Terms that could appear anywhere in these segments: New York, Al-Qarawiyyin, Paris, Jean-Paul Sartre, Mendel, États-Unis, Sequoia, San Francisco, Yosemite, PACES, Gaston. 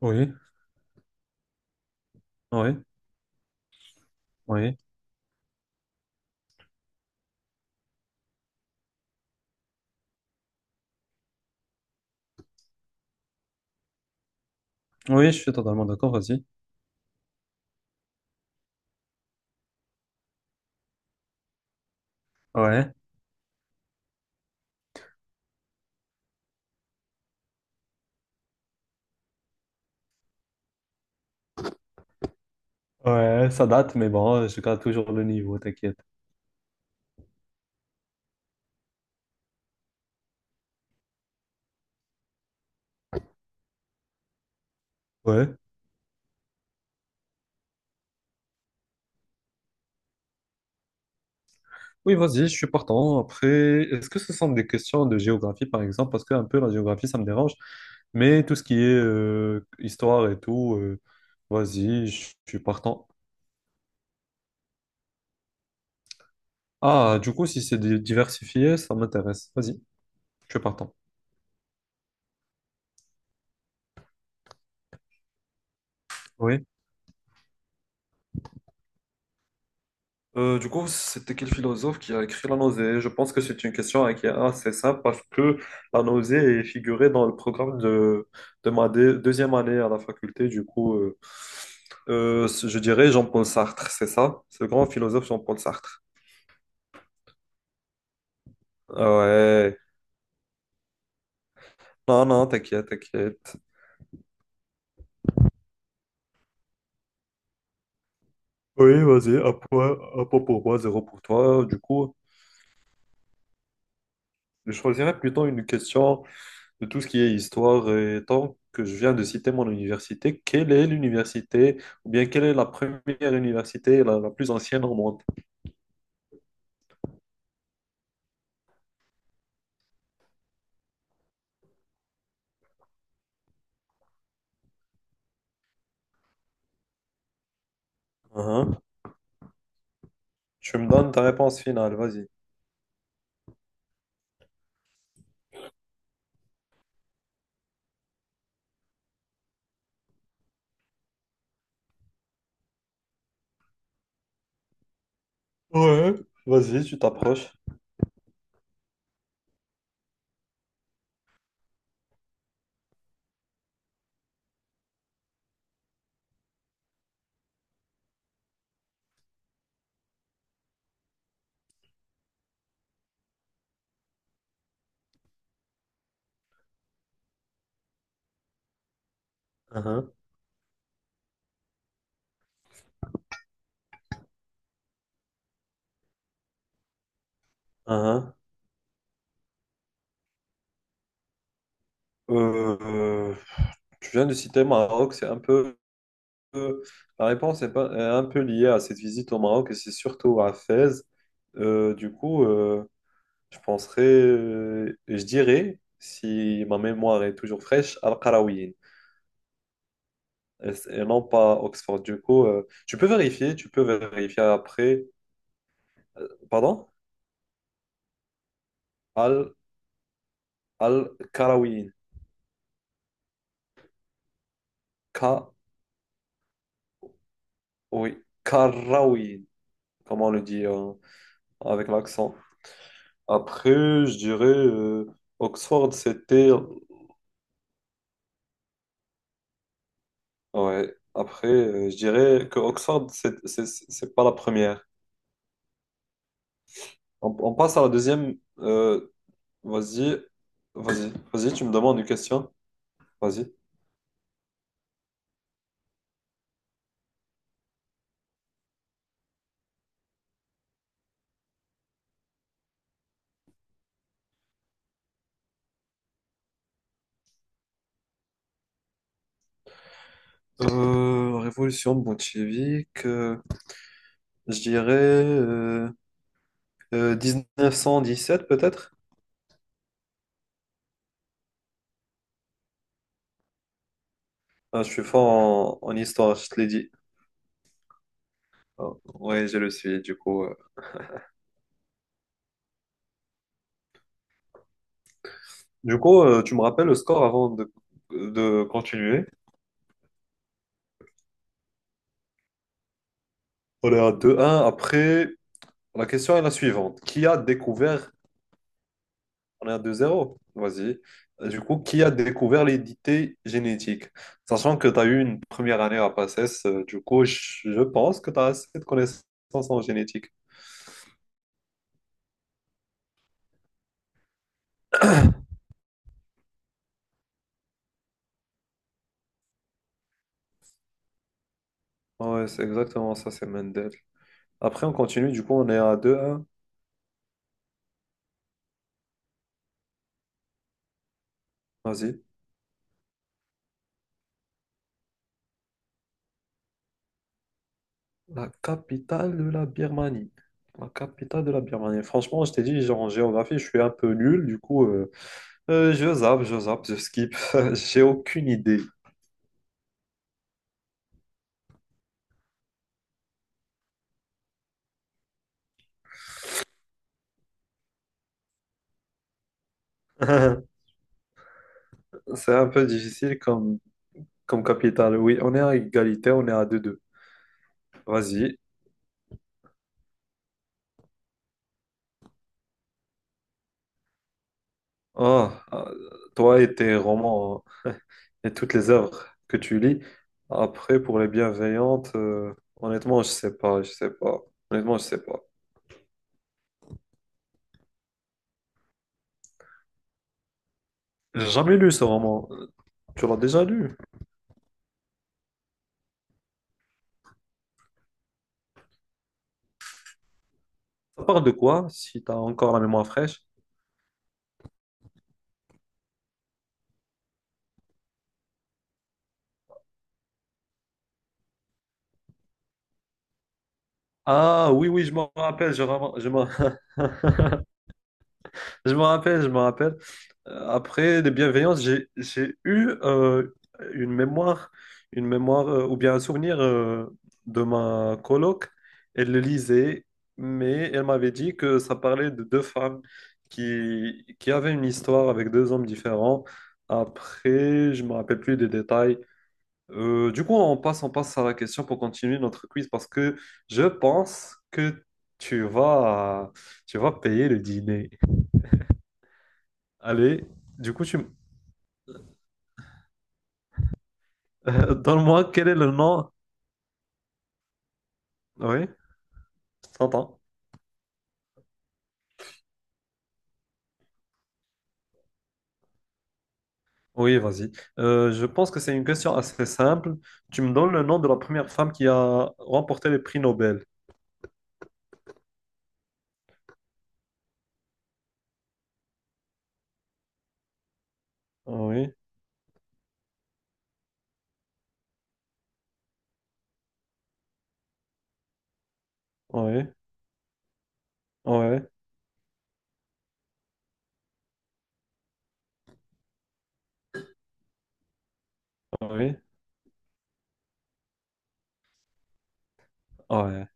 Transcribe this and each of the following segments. Oui, oui, oui. Oui, je suis totalement d'accord, vas-y. Ouais. Ouais, ça date, mais bon, je garde toujours le niveau, t'inquiète. Ouais. Oui, vas-y, je suis partant. Après, est-ce que ce sont des questions de géographie, par exemple? Parce que un peu la géographie, ça me dérange. Mais tout ce qui est histoire et tout, vas-y, je suis partant. Ah, du coup, si c'est diversifié, ça m'intéresse. Vas-y, je suis partant. Oui. Du coup, c'était quel philosophe qui a écrit la nausée? Je pense que c'est une question hein, qui est assez simple parce que la nausée est figurée dans le programme de ma deuxième année à la faculté. Du coup, je dirais Jean-Paul Sartre, c'est ça? Ce grand philosophe Jean-Paul Sartre. Ah, ouais. Non, non, t'inquiète, t'inquiète. Oui, vas-y, un point pour moi, zéro pour toi. Du coup, je choisirais plutôt une question de tout ce qui est histoire. Et tant que je viens de citer mon université, quelle est l'université, ou bien quelle est la première université la plus ancienne au monde? Uhum. Tu me donnes ta réponse finale, vas-y. Ouais. Vas-y, tu t'approches. Uhum, uhum. Euh, euh, tu viens de citer Maroc, c'est un peu. Euh, La réponse est, pas- est un peu liée à cette visite au Maroc, et c'est surtout à Fès. Du coup, je penserais, je dirais, si ma mémoire est toujours fraîche, Al-Qarawiyyin. Et non pas Oxford. Du coup, tu peux vérifier après. Pardon? Al, Al Karawin. Ka, oui, Karawin. Comment on le dit avec l'accent? Après, je dirais Oxford, c'était. Ouais, après, je dirais que Oxford, c'est pas la première. On passe à la deuxième. Vas-y, vas-y, vas-y, tu me demandes une question. Vas-y. Révolution bolchevique. Je dirais 1917 peut-être? Ah, je suis fort en histoire, je te l'ai dit. Ah, ouais, je le suis, du coup. Du coup, tu me rappelles le score avant de continuer. On est à 2-1. Après, la question est la suivante. Qui a découvert. On est à 2-0. Vas-y. Du coup, qui a découvert l'identité génétique? Sachant que tu as eu une première année à PACES, du coup, je pense que tu as assez de connaissances en génétique. Ah, ouais, c'est exactement ça, c'est Mendel. Après, on continue. Du coup, on est à deux un. Vas-y. La capitale de la Birmanie. La capitale de la Birmanie. Franchement, je t'ai dit, genre, en géographie, je suis un peu nul. Du coup, je zappe, je zappe, je skip. J'ai aucune idée. C'est un peu difficile comme capitale. Oui, on est à égalité, on est à 2-2. Vas-y. Ah, ah, toi et tes romans hein, et toutes les œuvres que tu lis. Après, pour les bienveillantes, honnêtement, je sais pas, je sais pas. Honnêtement, je sais pas. J'ai jamais lu ce roman. Tu l'as déjà lu? Ça parle de quoi, si t'as encore la mémoire fraîche? Ah oui, oui, je m'en rappelle, je m'en je m'en rappelle, je m'en rappelle. Après les bienveillances, j'ai eu une mémoire, ou bien un souvenir de ma coloc. Elle le lisait, mais elle m'avait dit que ça parlait de deux femmes qui avaient une histoire avec deux hommes différents. Après, je me rappelle plus des détails. Du coup, on passe à la question pour continuer notre quiz parce que je pense que tu vas, tu vas payer le dîner. Allez, du coup, donne-moi quel est le nom. Oui, je t'entends. Oui, vas-y. Je pense que c'est une question assez simple. Tu me donnes le nom de la première femme qui a remporté le prix Nobel. Oui, oui, oui, oui, oui.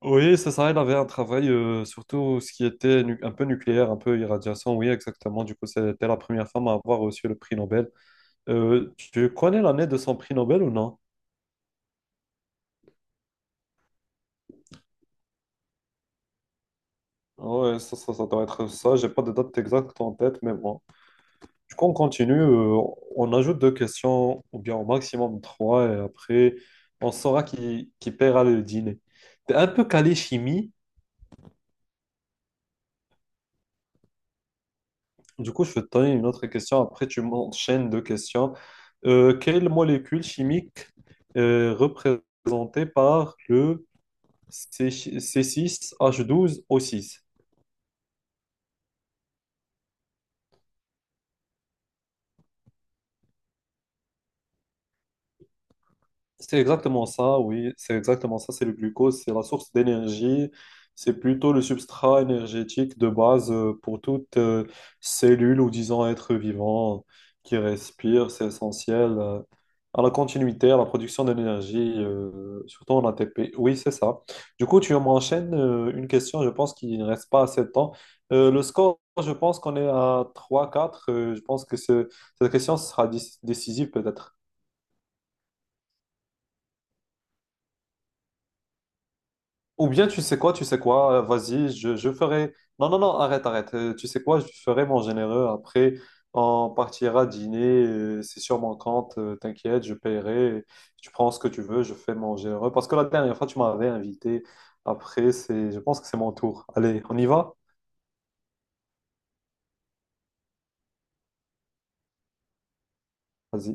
Oui, c'est ça, il avait un travail, surtout ce qui était un peu nucléaire, un peu irradiation, oui, exactement. Du coup, c'était la première femme à avoir reçu le prix Nobel. Tu connais l'année de son prix Nobel ou non? Oui, ça doit être ça. J'ai pas de date exacte en tête, mais bon. Du coup, on continue. On ajoute deux questions, ou bien au maximum trois, et après, on saura qui paiera le dîner. T'es un peu calé chimie. Du coup, je vais te donner une autre question. Après, tu m'enchaînes deux questions. Quelle molécule chimique est représentée par le C6H12O6? C'est exactement ça, oui, c'est exactement ça, c'est le glucose, c'est la source d'énergie, c'est plutôt le substrat énergétique de base pour toute cellule ou disons être vivant qui respire, c'est essentiel à la continuité, à la production d'énergie, surtout en ATP. Oui, c'est ça. Du coup, tu m'enchaînes une question, je pense qu'il ne reste pas assez de temps. Le score, je pense qu'on est à 3-4. Je pense que cette question sera décisive peut-être. Ou bien tu sais quoi, vas-y, je ferai. Non, non, non, arrête, arrête. Tu sais quoi, je ferai mon généreux. Après, on partira dîner. C'est sur mon compte, t'inquiète, je paierai. Tu prends ce que tu veux, je fais mon généreux. Parce que la dernière fois, tu m'avais invité. Après, c'est, je pense que c'est mon tour. Allez, on y va? Vas-y.